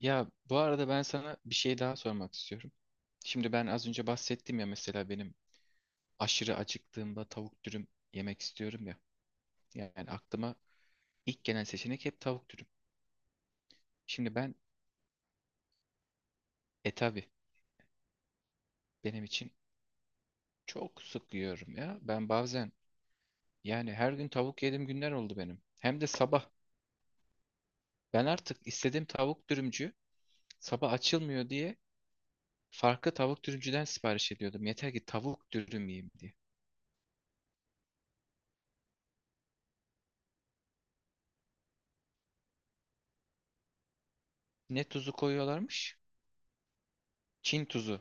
Ya bu arada ben sana bir şey daha sormak istiyorum. Şimdi ben az önce bahsettim ya, mesela benim aşırı acıktığımda tavuk dürüm yemek istiyorum ya. Yani aklıma ilk gelen seçenek hep tavuk dürüm. Şimdi ben tabi benim için çok sık yiyorum ya. Ben bazen yani her gün tavuk yediğim günler oldu benim. Hem de sabah. Ben artık istediğim tavuk dürümcü sabah açılmıyor diye farklı tavuk dürümcüden sipariş ediyordum. Yeter ki tavuk dürüm yiyeyim diye. Ne tuzu koyuyorlarmış? Çin tuzu.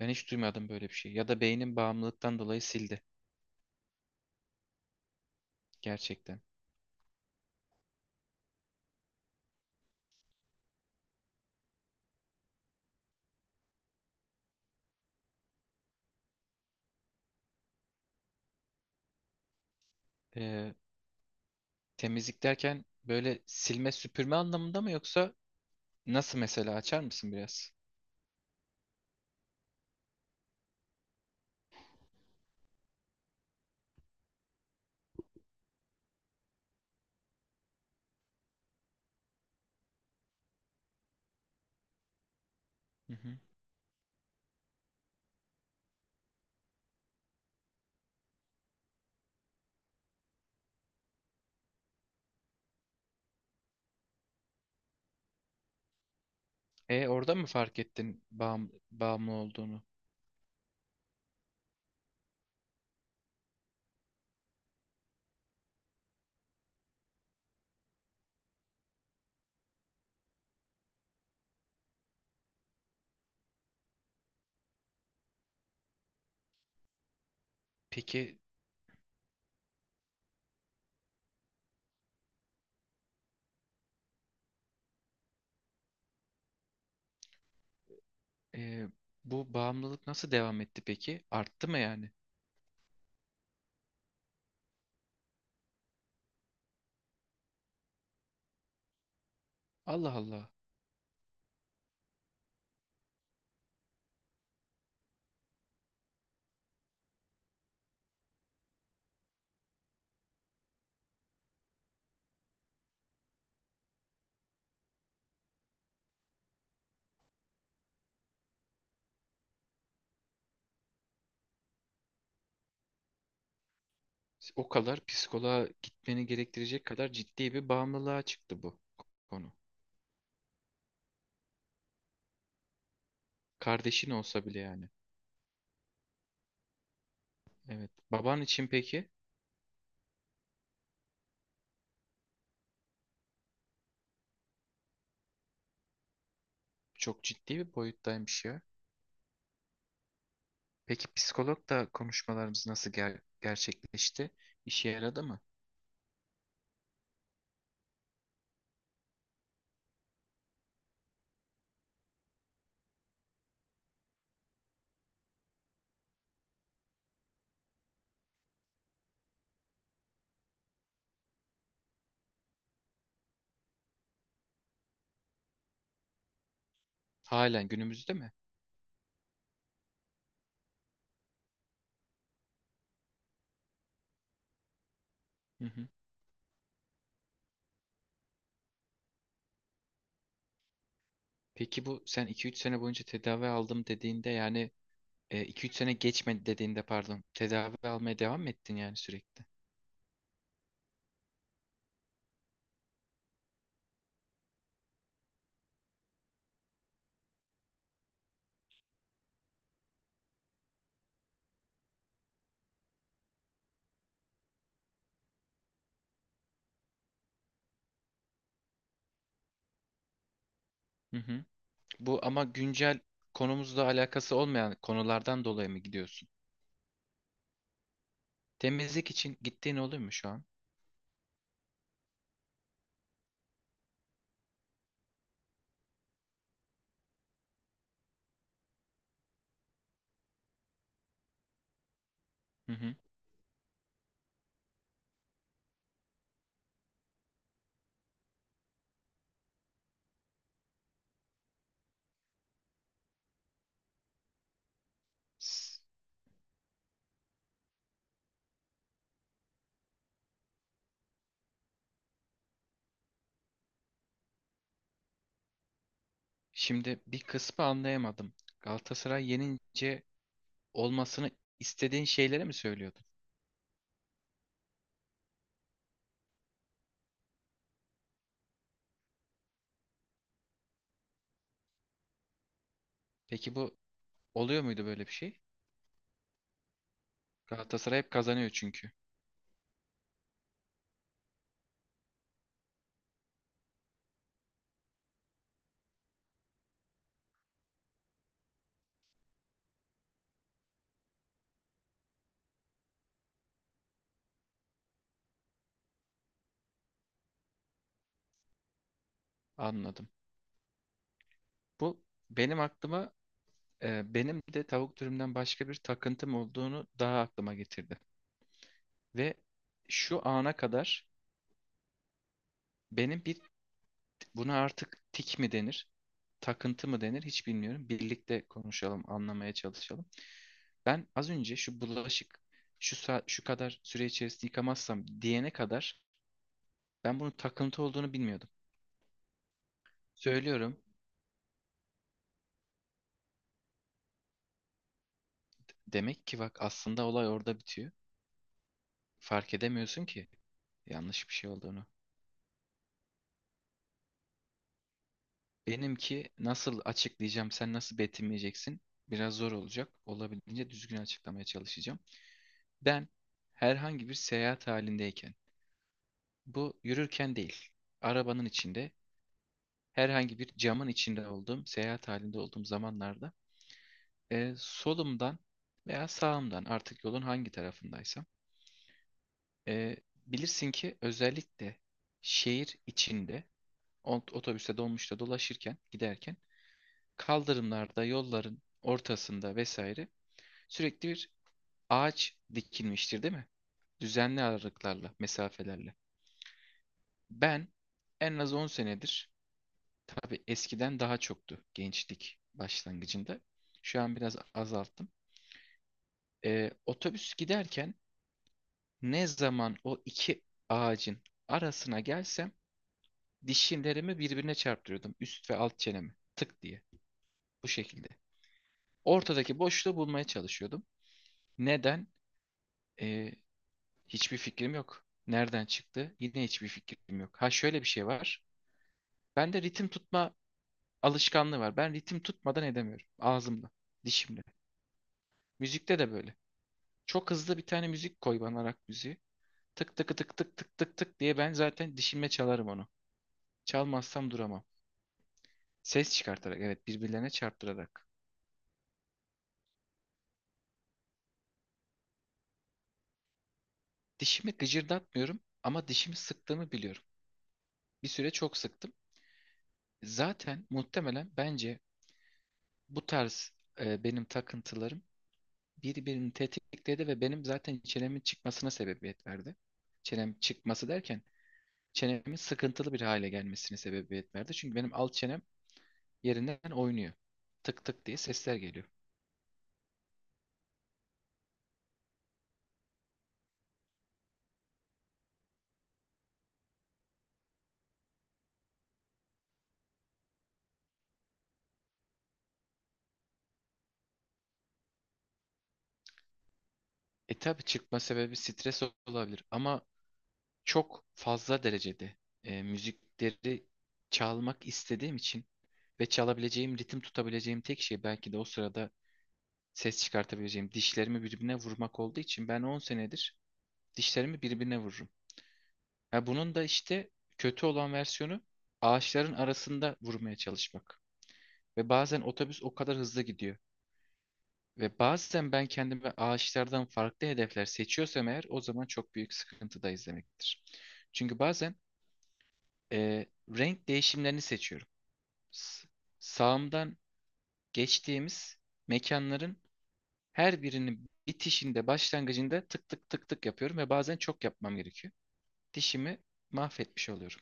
Ben hiç duymadım böyle bir şey. Ya da beynim bağımlılıktan dolayı sildi gerçekten. Ee, Temizlik derken böyle silme süpürme anlamında mı, yoksa nasıl, mesela açar mısın biraz? Hı hı. E orada mı fark ettin bağımlı olduğunu? Peki e, bu bağımlılık nasıl devam etti peki? Arttı mı yani? Allah Allah. O kadar psikoloğa gitmeni gerektirecek kadar ciddi bir bağımlılığa çıktı bu konu. Kardeşin olsa bile yani. Evet. Baban için peki çok ciddi bir boyuttaymış ya. Peki psikologla konuşmalarımız nasıl gerçekleşti? İşe yaradı mı? Halen günümüzde mi? Hı hı. Peki bu sen 2-3 sene boyunca tedavi aldım dediğinde yani 2-3 sene geçmedi dediğinde, pardon, tedavi almaya devam mı ettin yani sürekli? Hı hı. Bu ama güncel konumuzla alakası olmayan konulardan dolayı mı gidiyorsun? Temizlik için gittiğin oluyor mu şu an? Hı hı. Şimdi bir kısmı anlayamadım. Galatasaray yenince olmasını istediğin şeyleri mi söylüyordun? Peki bu oluyor muydu böyle bir şey? Galatasaray hep kazanıyor çünkü. Anladım. Bu benim aklıma benim de tavuk dürümden başka bir takıntım olduğunu daha aklıma getirdi. Ve şu ana kadar benim bir, buna artık tik mi denir, takıntı mı denir hiç bilmiyorum. Birlikte konuşalım, anlamaya çalışalım. Ben az önce şu bulaşık şu şu kadar süre içerisinde yıkamazsam diyene kadar ben bunun takıntı olduğunu bilmiyordum. Söylüyorum. Demek ki bak, aslında olay orada bitiyor. Fark edemiyorsun ki yanlış bir şey olduğunu. Benimki nasıl açıklayacağım, sen nasıl betimleyeceksin? Biraz zor olacak. Olabildiğince düzgün açıklamaya çalışacağım. Ben herhangi bir seyahat halindeyken, bu yürürken değil, arabanın içinde, herhangi bir camın içinde olduğum, seyahat halinde olduğum zamanlarda solumdan veya sağımdan, artık yolun hangi tarafındaysam, e, bilirsin ki özellikle şehir içinde otobüste, dolmuşta dolaşırken, giderken kaldırımlarda, yolların ortasında vesaire sürekli bir ağaç dikilmiştir, değil mi? Düzenli aralıklarla, mesafelerle. Ben en az 10 senedir, tabii eskiden daha çoktu, gençlik başlangıcında. Şu an biraz azalttım. E, otobüs giderken ne zaman o iki ağacın arasına gelsem dişlerimi birbirine çarptırıyordum. Üst ve alt çenemi. Tık diye. Bu şekilde. Ortadaki boşluğu bulmaya çalışıyordum. Neden? Ee, hiçbir fikrim yok. Nereden çıktı? Yine hiçbir fikrim yok. Ha, şöyle bir şey var. Bende ritim tutma alışkanlığı var. Ben ritim tutmadan edemiyorum. Ağzımla, dişimle. Müzikte de böyle. Çok hızlı bir tane müzik koy bana, rock müziği. Tık tık tık tık tık tık tık diye ben zaten dişimle çalarım onu. Çalmazsam duramam. Ses çıkartarak, evet, birbirlerine çarptırarak. Dişimi gıcırdatmıyorum ama dişimi sıktığımı biliyorum. Bir süre çok sıktım. Zaten muhtemelen bence bu tarz benim takıntılarım birbirini tetikledi ve benim zaten çenemin çıkmasına sebebiyet verdi. Çenem çıkması derken çenemin sıkıntılı bir hale gelmesine sebebiyet verdi. Çünkü benim alt çenem yerinden oynuyor. Tık tık diye sesler geliyor. E tabii çıkma sebebi stres olabilir ama çok fazla derecede müzikleri çalmak istediğim için ve çalabileceğim, ritim tutabileceğim tek şey belki de o sırada ses çıkartabileceğim dişlerimi birbirine vurmak olduğu için ben 10 senedir dişlerimi birbirine vururum. Ha, bunun da işte kötü olan versiyonu ağaçların arasında vurmaya çalışmak. Ve bazen otobüs o kadar hızlı gidiyor. Ve bazen ben kendime ağaçlardan farklı hedefler seçiyorsam eğer, o zaman çok büyük sıkıntıdayız demektir. Çünkü bazen Ee, renk değişimlerini seçiyorum. S- Sağımdan geçtiğimiz mekanların her birinin bitişinde, başlangıcında tık tık tık tık yapıyorum ve bazen çok yapmam gerekiyor. Dişimi mahvetmiş oluyorum.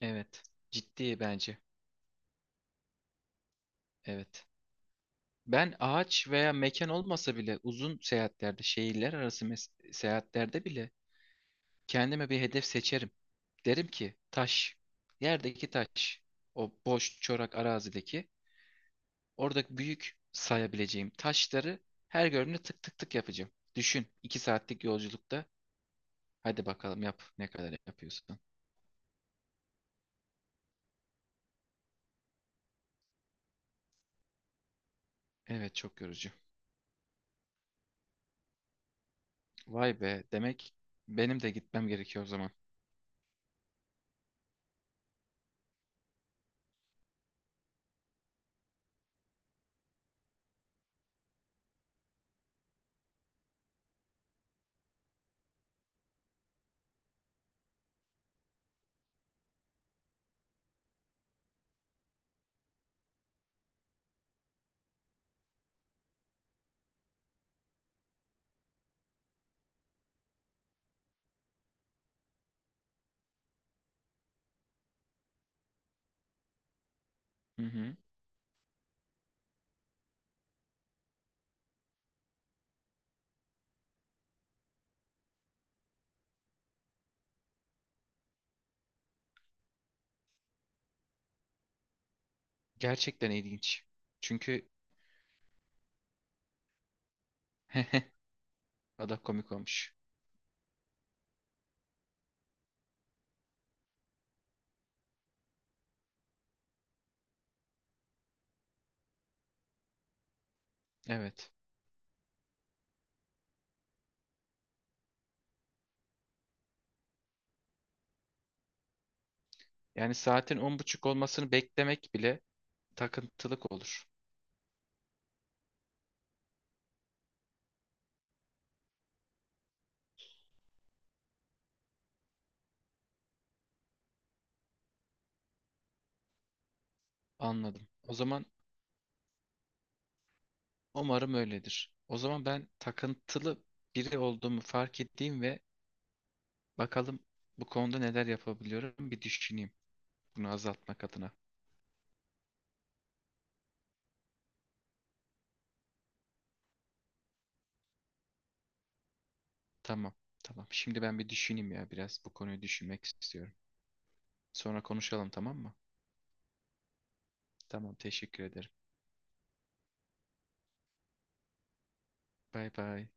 Evet, ciddi bence. Evet. Ben ağaç veya mekan olmasa bile uzun seyahatlerde, şehirler arası seyahatlerde bile kendime bir hedef seçerim. Derim ki taş, yerdeki taş, o boş çorak arazideki, oradaki büyük sayabileceğim taşları her gördüğümde tık tık tık yapacağım. Düşün, 2 saatlik yolculukta. Hadi bakalım yap, ne kadar yapıyorsun. Evet, çok yorucu. Vay be, demek benim de gitmem gerekiyor o zaman. Hı hı. Gerçekten ilginç. Çünkü adam komik olmuş. Evet. Yani saatin 10:30 olmasını beklemek bile takıntılık olur. Anladım. O zaman umarım öyledir. O zaman ben takıntılı biri olduğumu fark ettiğim ve bakalım bu konuda neler yapabiliyorum bir düşüneyim bunu azaltmak adına. Tamam, tamam. Şimdi ben bir düşüneyim ya, biraz bu konuyu düşünmek istiyorum. Sonra konuşalım, tamam mı? Tamam, teşekkür ederim. Bay bay.